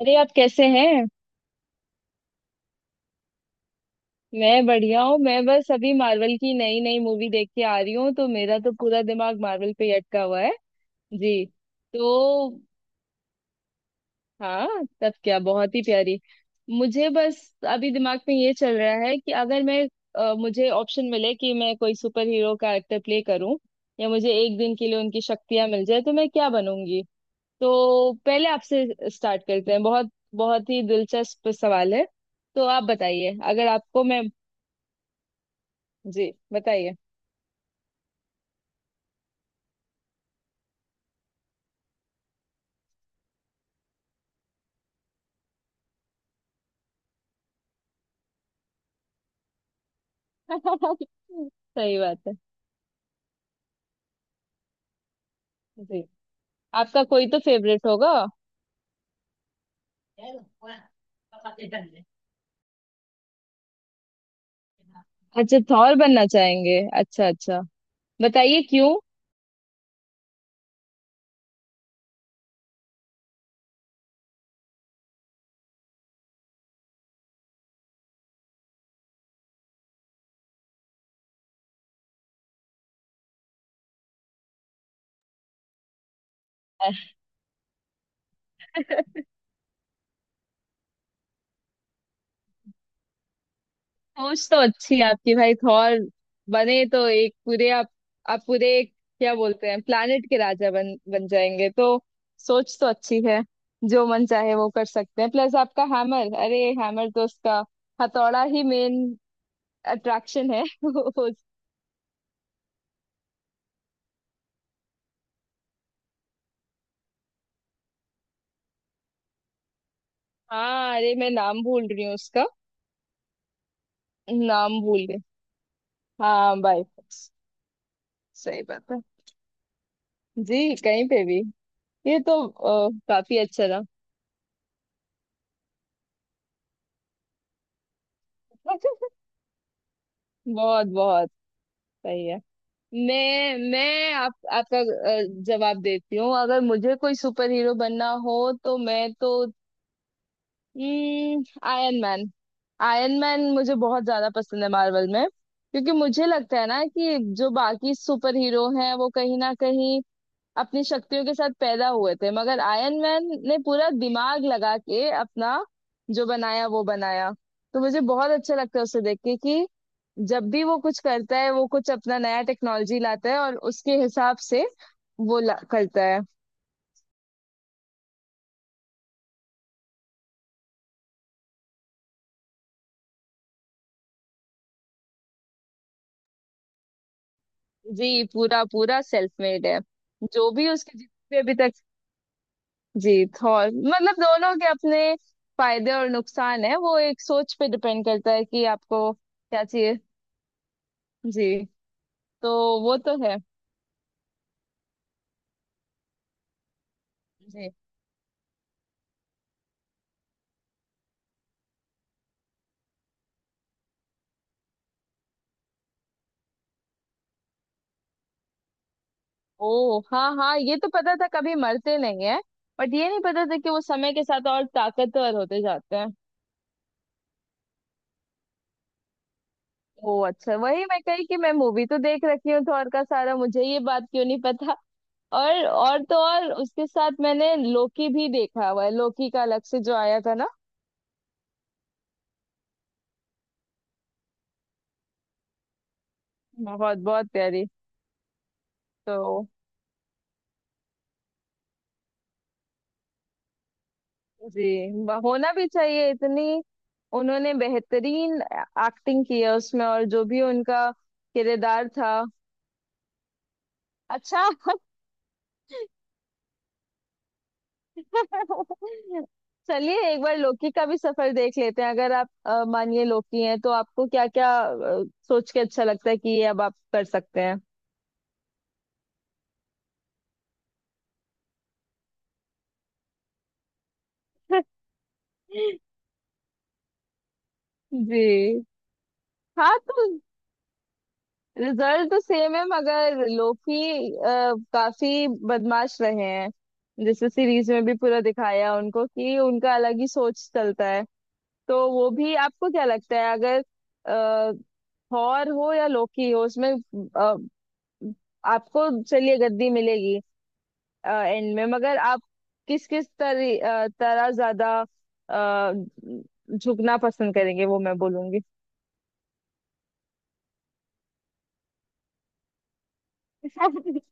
अरे आप कैसे हैं। मैं बढ़िया हूँ। मैं बस अभी मार्वल की नई नई मूवी देख के आ रही हूँ, तो मेरा तो पूरा दिमाग मार्वल पे ही अटका हुआ है। जी। तो हाँ, तब क्या बहुत ही प्यारी। मुझे बस अभी दिमाग में ये चल रहा है कि अगर मैं मुझे ऑप्शन मिले कि मैं कोई सुपर हीरो कैरेक्टर प्ले करूं या मुझे एक दिन के लिए उनकी शक्तियां मिल जाए, तो मैं क्या बनूंगी। तो पहले आपसे स्टार्ट करते हैं, बहुत बहुत ही दिलचस्प सवाल है। तो आप बताइए, अगर आपको मैं, जी बताइए। सही बात है। जी, आपका कोई तो फेवरेट होगा। अच्छा, थॉर बनना चाहेंगे, अच्छा अच्छा। बताइए क्यों। अह, सोच तो अच्छी है आपकी, भाई। थॉर बने तो एक पूरे आप पूरे एक क्या बोलते हैं, प्लानिट के राजा बन बन जाएंगे तो। सोच तो अच्छी है। जो मन चाहे वो कर सकते हैं, प्लस आपका हैमर, अरे हैमर तो उसका हथौड़ा ही मेन अट्रैक्शन है। हाँ अरे, मैं नाम भूल रही हूँ उसका। नाम भूल गई। हाँ, बाय फोर्स। सही बात है। जी, कहीं पे भी। ये तो काफी अच्छा रहा। बहुत बहुत। सही है। मैं आप आपका जवाब देती हूँ। अगर मुझे कोई सुपर हीरो बनना हो, तो मैं तो आयरन मैन। आयरन मैन मुझे बहुत ज्यादा पसंद है मार्वल में, क्योंकि मुझे लगता है ना कि जो बाकी सुपर हीरो हैं वो कहीं ना कहीं अपनी शक्तियों के साथ पैदा हुए थे, मगर आयरन मैन ने पूरा दिमाग लगा के अपना जो बनाया वो बनाया। तो मुझे बहुत अच्छा लगता है उसे देख के कि जब भी वो कुछ करता है, वो कुछ अपना नया टेक्नोलॉजी लाता है और उसके हिसाब से वो करता है। जी, पूरा पूरा सेल्फ मेड है। जो भी उसके जितने अभी तक, जी थॉर मतलब दोनों के अपने फायदे और नुकसान है। वो एक सोच पे डिपेंड करता है कि आपको क्या चाहिए। जी। तो वो तो है। जी। ओ हाँ हाँ, ये तो पता था कभी मरते नहीं है। बट ये नहीं पता था कि वो समय के साथ और ताकतवर होते जाते हैं। ओ अच्छा, वही मैं कही कि मैं मूवी तो देख रखी हूँ थॉर का सारा, मुझे ये बात क्यों नहीं पता। और तो और, उसके साथ मैंने लोकी भी देखा हुआ है, लोकी का अलग से जो आया था ना। बहुत बहुत प्यारी। तो जी, होना भी चाहिए, इतनी उन्होंने बेहतरीन एक्टिंग की है उसमें, और जो भी उनका किरदार था। अच्छा। चलिए एक बार लोकी का भी सफर देख लेते हैं। अगर आप मानिए लोकी हैं, तो आपको क्या क्या सोच के अच्छा लगता है कि ये अब आप कर सकते हैं। जी। हाँ तो, रिजल्ट तो सेम है मगर लोकी काफी बदमाश रहे हैं। जैसे सीरीज में भी पूरा दिखाया उनको कि उनका अलग ही सोच चलता है। तो वो भी, आपको क्या लगता है, अगर अ, थॉर हो या लोकी हो, उसमें आपको चलिए गद्दी मिलेगी एंड में, मगर आप किस किस तरह ज्यादा अ, झुकना पसंद करेंगे वो मैं बोलूंगी।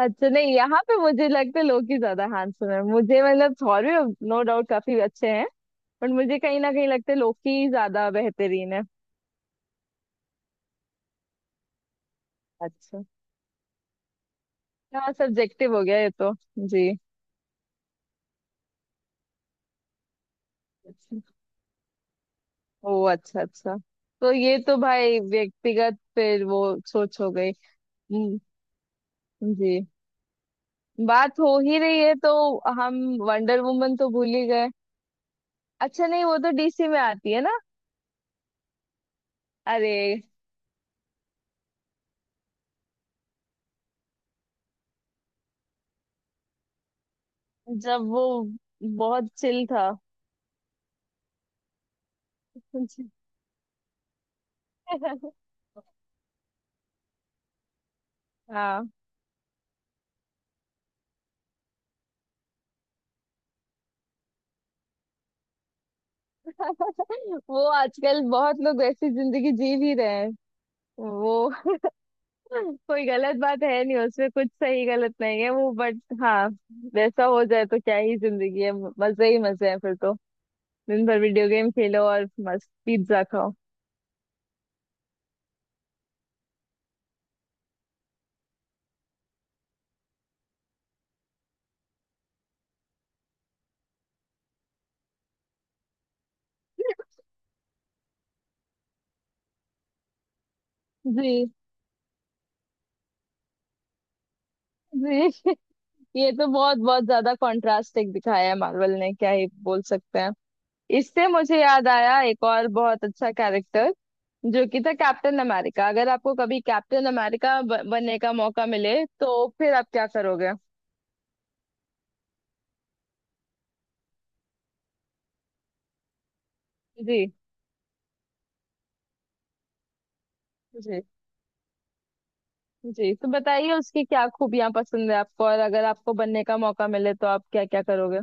अच्छा नहीं, यहाँ पे मुझे लगता है लोग ही ज्यादा हैंडसम है मुझे, मतलब थॉर भी नो डाउट काफी अच्छे हैं, बट मुझे कहीं ना कहीं लगता है लोग ही ज्यादा बेहतरीन है। अच्छा, हाँ सब्जेक्टिव हो गया ये तो। जी। अच्छा। ओ अच्छा अच्छा, तो ये तो भाई व्यक्तिगत फिर वो सोच हो गई। हम्म। जी। बात हो ही रही है तो, हम वंडर वुमन तो भूल ही गए। अच्छा नहीं, वो तो डीसी में आती है ना। अरे, जब वो बहुत चिल था। हाँ। वो आजकल बहुत लोग ऐसी जिंदगी जी भी रहे हैं। वो कोई गलत बात है नहीं उसमें, कुछ सही गलत नहीं है वो, बट हाँ, वैसा हो जाए तो क्या ही जिंदगी है, मजे ही मजे हैं फिर तो। दिन भर वीडियो गेम खेलो और मस्त पिज्जा खाओ। जी। जी, ये तो बहुत बहुत ज्यादा कॉन्ट्रास्टिंग दिखाया है मार्वल ने, क्या ही बोल सकते हैं। इससे मुझे याद आया एक और बहुत अच्छा कैरेक्टर, जो कि था कैप्टन अमेरिका। अगर आपको कभी कैप्टन अमेरिका बनने का मौका मिले, तो फिर आप क्या करोगे। जी। जी। जी तो बताइए, उसकी क्या खूबियां पसंद है आपको, और अगर आपको बनने का मौका मिले तो आप क्या क्या करोगे।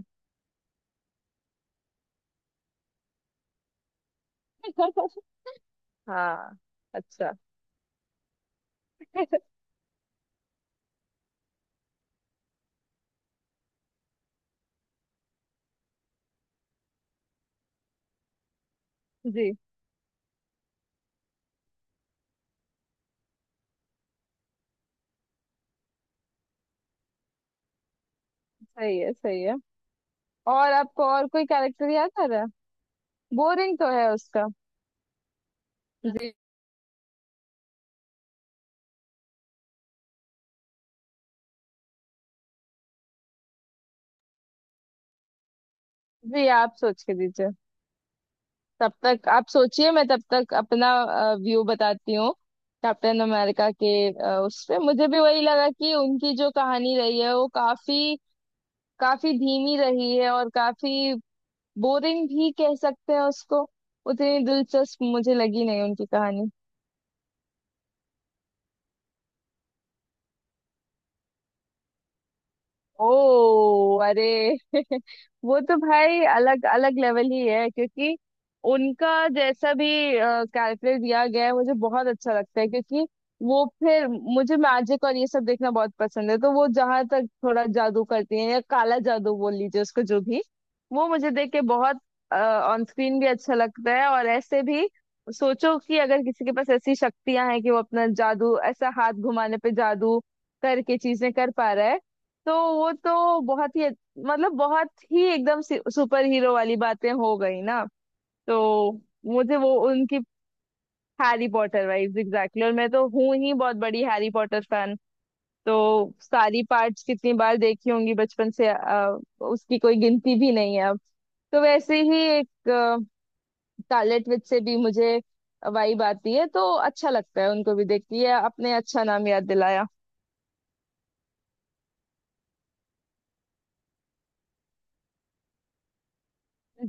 हाँ। अच्छा। जी। सही है सही है। और आपको और कोई कैरेक्टर याद आ रहा है। बोरिंग तो है उसका। जी। जी आप सोच के दीजिए, तब तक आप सोचिए, मैं तब तक अपना व्यू बताती हूँ। कैप्टन अमेरिका के उस पे मुझे भी वही लगा कि उनकी जो कहानी रही है वो काफी काफी धीमी रही है, और काफी बोरिंग भी कह सकते हैं उसको, उतनी दिलचस्प मुझे लगी नहीं उनकी कहानी। ओ, अरे। वो तो भाई अलग अलग लेवल ही है, क्योंकि उनका जैसा भी कैरेक्टर दिया गया है मुझे बहुत अच्छा लगता है, क्योंकि वो फिर, मुझे मैजिक और ये सब देखना बहुत पसंद है, तो वो जहां तक थोड़ा जादू करती है या काला जादू बोल लीजिए उसको, जो भी, वो मुझे देख के बहुत, ऑन स्क्रीन भी अच्छा लगता है। और ऐसे भी सोचो कि अगर किसी के पास ऐसी शक्तियां हैं कि वो अपना जादू ऐसा हाथ घुमाने पे जादू करके चीजें कर पा रहा है, तो वो तो बहुत ही, मतलब बहुत ही एकदम सुपर हीरो वाली बातें हो गई ना। तो मुझे वो उनकी, हैरी पॉटर वाइब्स एग्जैक्टली, और मैं तो हूँ ही बहुत बड़ी हैरी पॉटर फैन। तो सारी पार्ट्स कितनी बार देखी होंगी बचपन से उसकी कोई गिनती भी नहीं है अब। तो वैसे ही एक स्कारलेट विच से भी मुझे वाइब आती है, तो अच्छा लगता है उनको भी देख के, ये आपने अच्छा नाम याद दिलाया।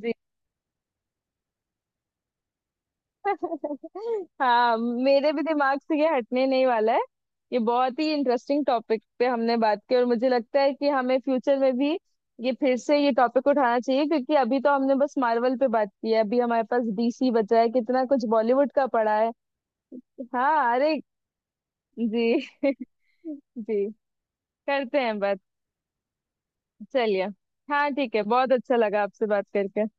जी। हाँ, मेरे भी दिमाग से ये हटने नहीं वाला है। ये बहुत ही इंटरेस्टिंग टॉपिक पे हमने बात की, और मुझे लगता है कि हमें फ्यूचर में भी ये फिर से, ये टॉपिक उठाना चाहिए, क्योंकि अभी तो हमने बस मार्वल पे बात की है, अभी हमारे पास डीसी बचा है, कितना कुछ बॉलीवुड का पड़ा है। हाँ अरे। जी। जी, करते हैं बात। चलिए। हाँ ठीक है, बहुत अच्छा लगा आपसे बात करके।